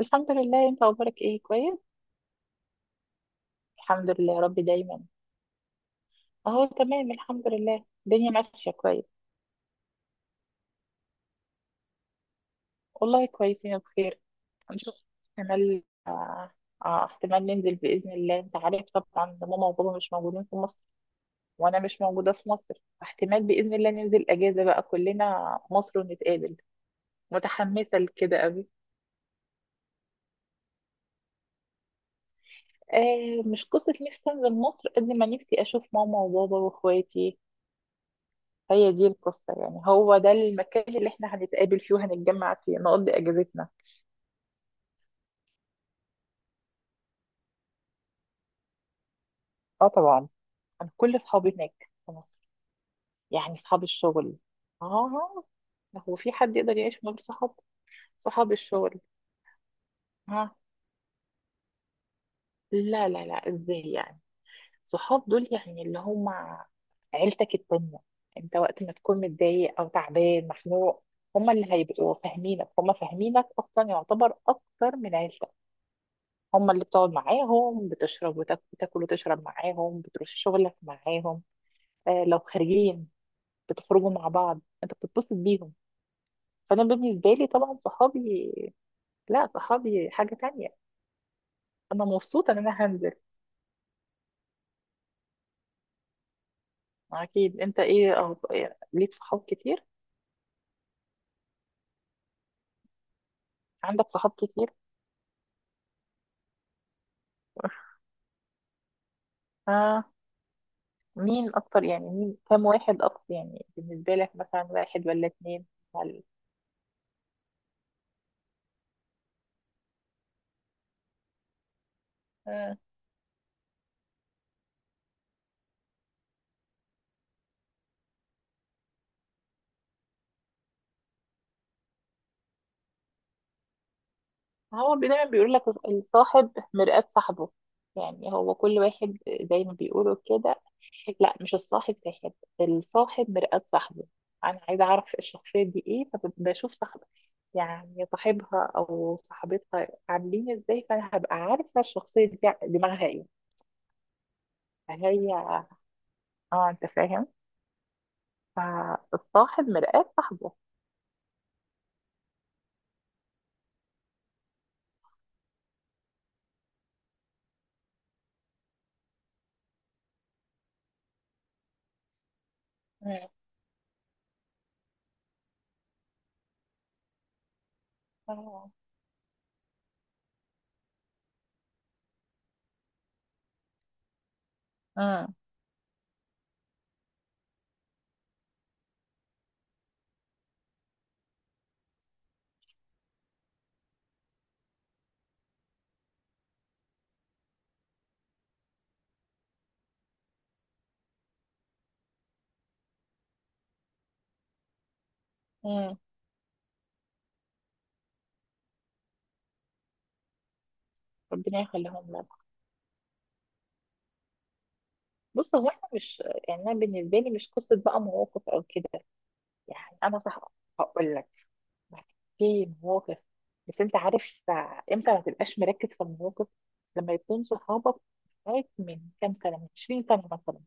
الحمد لله. انت اخبارك ايه؟ كويس الحمد لله يا رب دايما. اهو تمام الحمد لله، الدنيا ماشيه كويس. والله كويسين بخير. هنشوف. احتمال اه احتمال ننزل باذن الله. انت عارف طبعا ماما وبابا مش موجودين في مصر، وانا مش موجوده في مصر. احتمال باذن الله ننزل اجازه بقى كلنا مصر ونتقابل. متحمسه لكده قوي. آه مش قصه نفسي انزل مصر قد ما نفسي اشوف ماما وبابا واخواتي. هي دي القصة، يعني هو ده المكان اللي احنا هنتقابل فيه وهنتجمع فيه نقضي اجازتنا. اه طبعا. انا كل اصحابي هناك في مصر. يعني اصحاب الشغل. اه. هو في حد يقدر يعيش من غير صحاب؟ صحاب الشغل. ها. لا لا لا ازاي يعني. صحاب دول يعني اللي هم عيلتك التانية. انت وقت ما تكون متضايق او تعبان مخنوق، هم اللي هيبقوا فاهمينك، هم فاهمينك اصلا، يعتبر اكتر من عيلتك. هم اللي بتقعد معاهم، بتشرب وتاكل، بتاكل وتشرب معاهم، بتروح شغلك معاهم. آه لو خارجين بتخرجوا مع بعض، انت بتتبسط بيهم. فانا بالنسبه لي طبعا صحابي، لا صحابي حاجه تانية. انا مبسوطه ان انا هنزل. اكيد انت ايه ليك صحاب كتير. عندك صحاب كتير. آه. مين اكتر يعني، مين كام واحد اكتر يعني بالنسبه لك، مثلا واحد ولا اتنين؟ هل آه. هو دايما بيقول لك الصاحب مرآة صاحبه، يعني هو كل واحد زي ما بيقولوا كده. لا مش الصاحب ساحب، الصاحب مرآة صاحبه. انا عايزه اعرف الشخصيه دي ايه، فبشوف صاحب، يعني صاحبها او صاحبتها عاملين ازاي، فانا هبقى عارفه الشخصيه دي دماغها ايه. فهي، اه انت فاهم، فالصاحب مرآة صاحبه. مم. آه. مم. مم. ربنا يخليهم لنا. بص هو احنا مش، يعني انا بالنسبه لي مش قصه بقى مواقف او كده. يعني انا صح. هقول لك. في مواقف. بس انت عارف، امتى ما تبقاش مركز في المواقف؟ لما يكون صحابك معاك من كام سنه، من 20 سنه مثلا.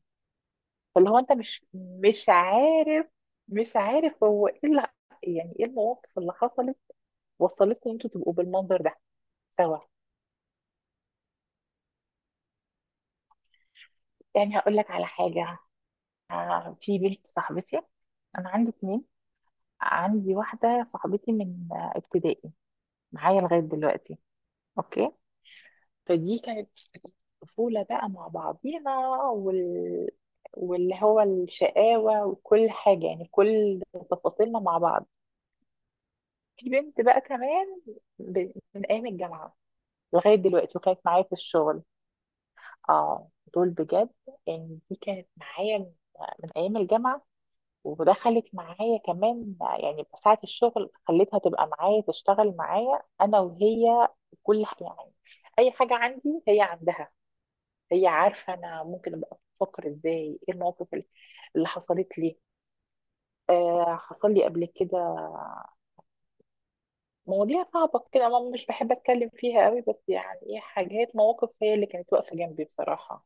فاللي هو انت مش عارف، مش عارف هو ايه اللي، يعني ايه المواقف اللي حصلت وصلتكم ان انتوا تبقوا بالمنظر ده سوا. يعني هقول لك على حاجه. آه، في بنت صاحبتي. انا عندي اتنين. عندي واحدة صاحبتي من ابتدائي معايا لغاية دلوقتي. اوكي. فدي كانت طفولة بقى مع بعضينا، واللي هو الشقاوة وكل حاجة، يعني كل تفاصيلنا مع بعض. في بنت بقى كمان، من أيام الجامعة لغاية دلوقتي، وكانت معايا في الشغل. اه دول بجد. يعني دي كانت معايا من أيام الجامعة، وده خلت معايا كمان. يعني ساعة الشغل خليتها تبقى معايا، تشتغل معايا أنا وهي. يعني أي حاجة عندي هي عندها. هي عارفة أنا ممكن أبقى بفكر إزاي، إيه المواقف اللي حصلت لي. آه حصل لي قبل كده مواضيع صعبة كده، ما مش بحب أتكلم فيها قوي، بس يعني إيه حاجات مواقف هي اللي كانت واقفة جنبي بصراحة.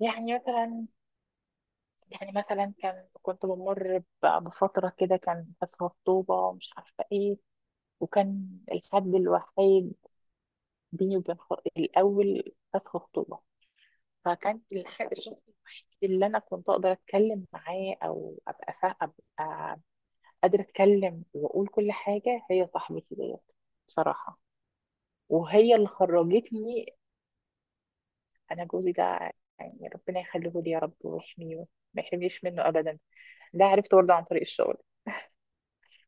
يعني مثلا، يعني مثلا كان كنت بمر بفترة كده كان فيها خطوبة ومش عارفة ايه. وكان الحد الوحيد بيني وبين الأول فسخ خطوبة. فكان الشخص الوحيد اللي أنا كنت أقدر أتكلم معاه، أو أبقى قادرة أتكلم وأقول كل حاجة، هي صاحبتي ديت، بصراحة. وهي اللي خرجتني. أنا جوزي ده يعني ربنا يخليه لي يا رب ويحميه، ما يحرمنيش منه أبدا. ده عرفته برضه عن طريق الشغل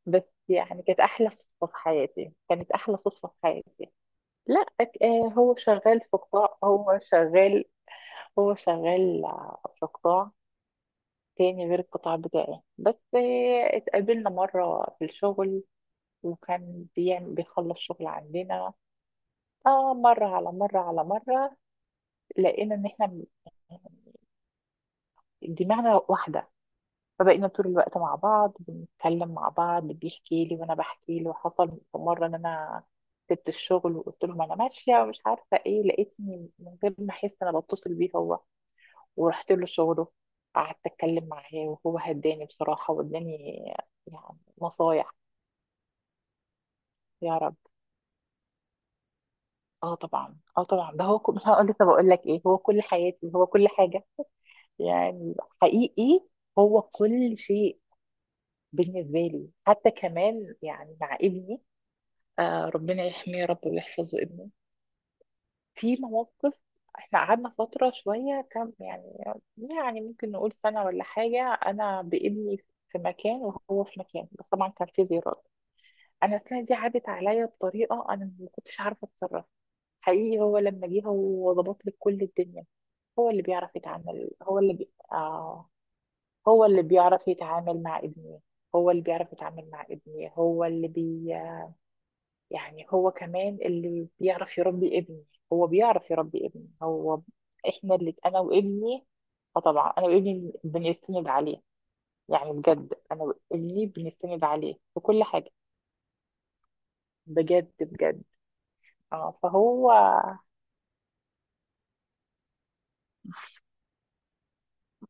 بس. يعني كانت أحلى صدفة في حياتي، كانت أحلى صدفة في حياتي. لا هو شغال في قطاع، هو شغال هو شغال في قطاع تاني غير القطاع بتاعي بس. آه، اتقابلنا مرة في الشغل، وكان بيعمل بيخلص شغل عندنا. اه مرة على مرة على مرة لقينا ان احنا دماغنا واحدة. فبقينا طول الوقت مع بعض، بنتكلم مع بعض، بيحكي لي وانا بحكي له. حصل في مرة ان انا سبت الشغل، وقلت له ما انا ماشية ومش عارفة ايه، لقيتني من غير ما احس انا بتصل بيه هو، ورحت له شغله. قعدت اتكلم معاه، وهو هداني بصراحه واداني يعني نصايح. يا رب. اه طبعا، اه طبعا، ده هو هقول لسه، بقول لك ايه، هو كل حياتي، هو كل حاجه يعني. حقيقي، هو كل شيء بالنسبه لي. حتى كمان يعني مع ابني، آه ربنا يحميه يا رب ويحفظه ابنه. في مواقف، احنا قعدنا فتره شويه كم يعني، يعني ممكن نقول سنه ولا حاجه، انا بابني في مكان وهو في مكان، بس طبعا كان في زيارات. انا السنه دي عدت عليا بطريقه انا ما كنتش عارفه اتصرف. حقيقي هو لما جه هو ظبط لي كل الدنيا. هو اللي بيعرف يتعامل، هو اللي بيعرف يتعامل مع ابني، هو اللي بيعرف يتعامل مع ابني، هو اللي بي يعني هو كمان اللي بيعرف يربي ابني. هو بيعرف يربي ابني هو. احنا اللي انا وابني، فطبعا انا وابني بنستند عليه. يعني بجد انا وابني بنستند عليه في كل حاجه. بجد بجد. اه فهو.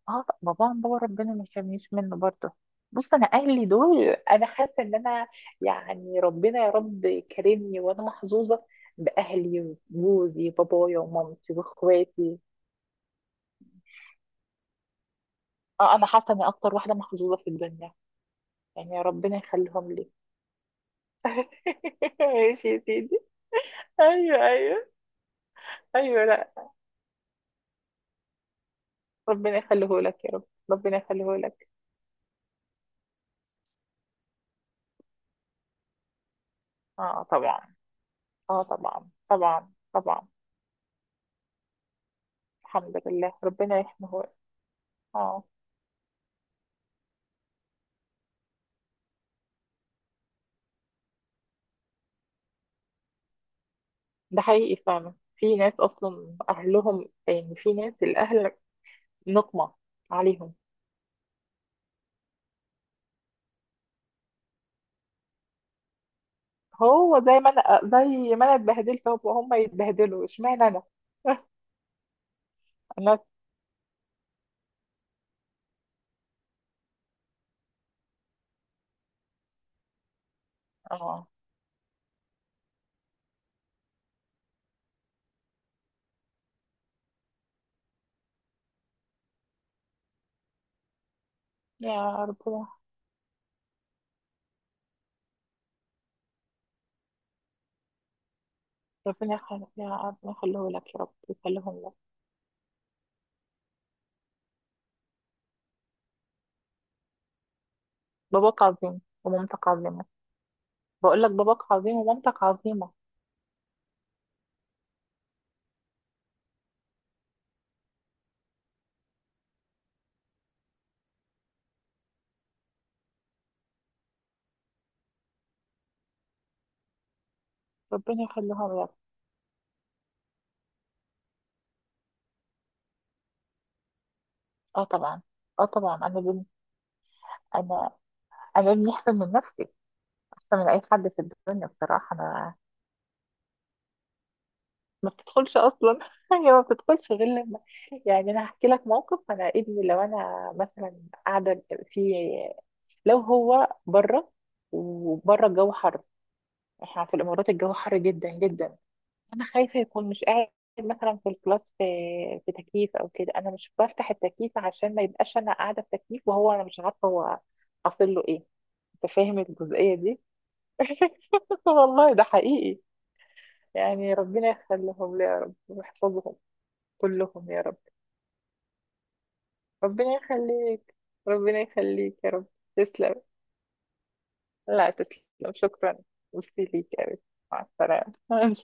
اه طب باباهم بابا ربنا ما يحرمنيش منه برضه. بص انا اهلي دول انا حاسه ان انا، يعني ربنا يا رب كرمني وانا محظوظه باهلي وجوزي، بابايا ومامتي واخواتي. اه انا حاسه اني اكتر واحده محظوظه في الدنيا. يعني ربنا يخليهم لي. ماشي يا سيدي. ايوه ايوه. ايوه لا ربنا يخليه لك يا رب. ربنا يخليه لك. اه طبعا، اه طبعا طبعا طبعا. الحمد لله ربنا يحميه لك. اه. ده حقيقي فعلا، في ناس اصلا اهلهم، يعني في ناس الاهل نقمة عليهم. هو زي ما انا، زي ما انا اتبهدلت هم يتبهدلوا، اشمعنى انا؟ انا. اه يا ربنا. ربنا يخليك، يا ربنا يخليه لك يا رب، يخليهم لك. باباك عظيم ومامتك عظيمة. بقول لك باباك عظيم ومامتك عظيمة. ربنا يخليهم لك. اه طبعا. اه طبعا انا بنت. انا. انا ابني احسن من نفسي، احسن من اي حد في الدنيا بصراحة. انا ما بتدخلش اصلا هي ما بتدخلش غير لما، يعني انا هحكي لك موقف. انا ابني لو انا مثلا قاعده في، لو هو بره وبره الجو حر، احنا في الامارات الجو حر جدا جدا، انا خايفه يكون مش قاعد مثلا في الكلاس، في في تكييف او كده، انا مش بفتح التكييف عشان ما يبقاش انا قاعده في تكييف وهو انا مش عارفه هو حاصل له ايه. انت فاهم الجزئيه دي؟ والله ده حقيقي. يعني ربنا يخليهم لي يا رب ويحفظهم كلهم يا رب. ربنا يخليك. ربنا يخليك يا رب. تسلم. لا تسلم شكرا. ميرسي ليك يا رب. مع السلامة إن شاء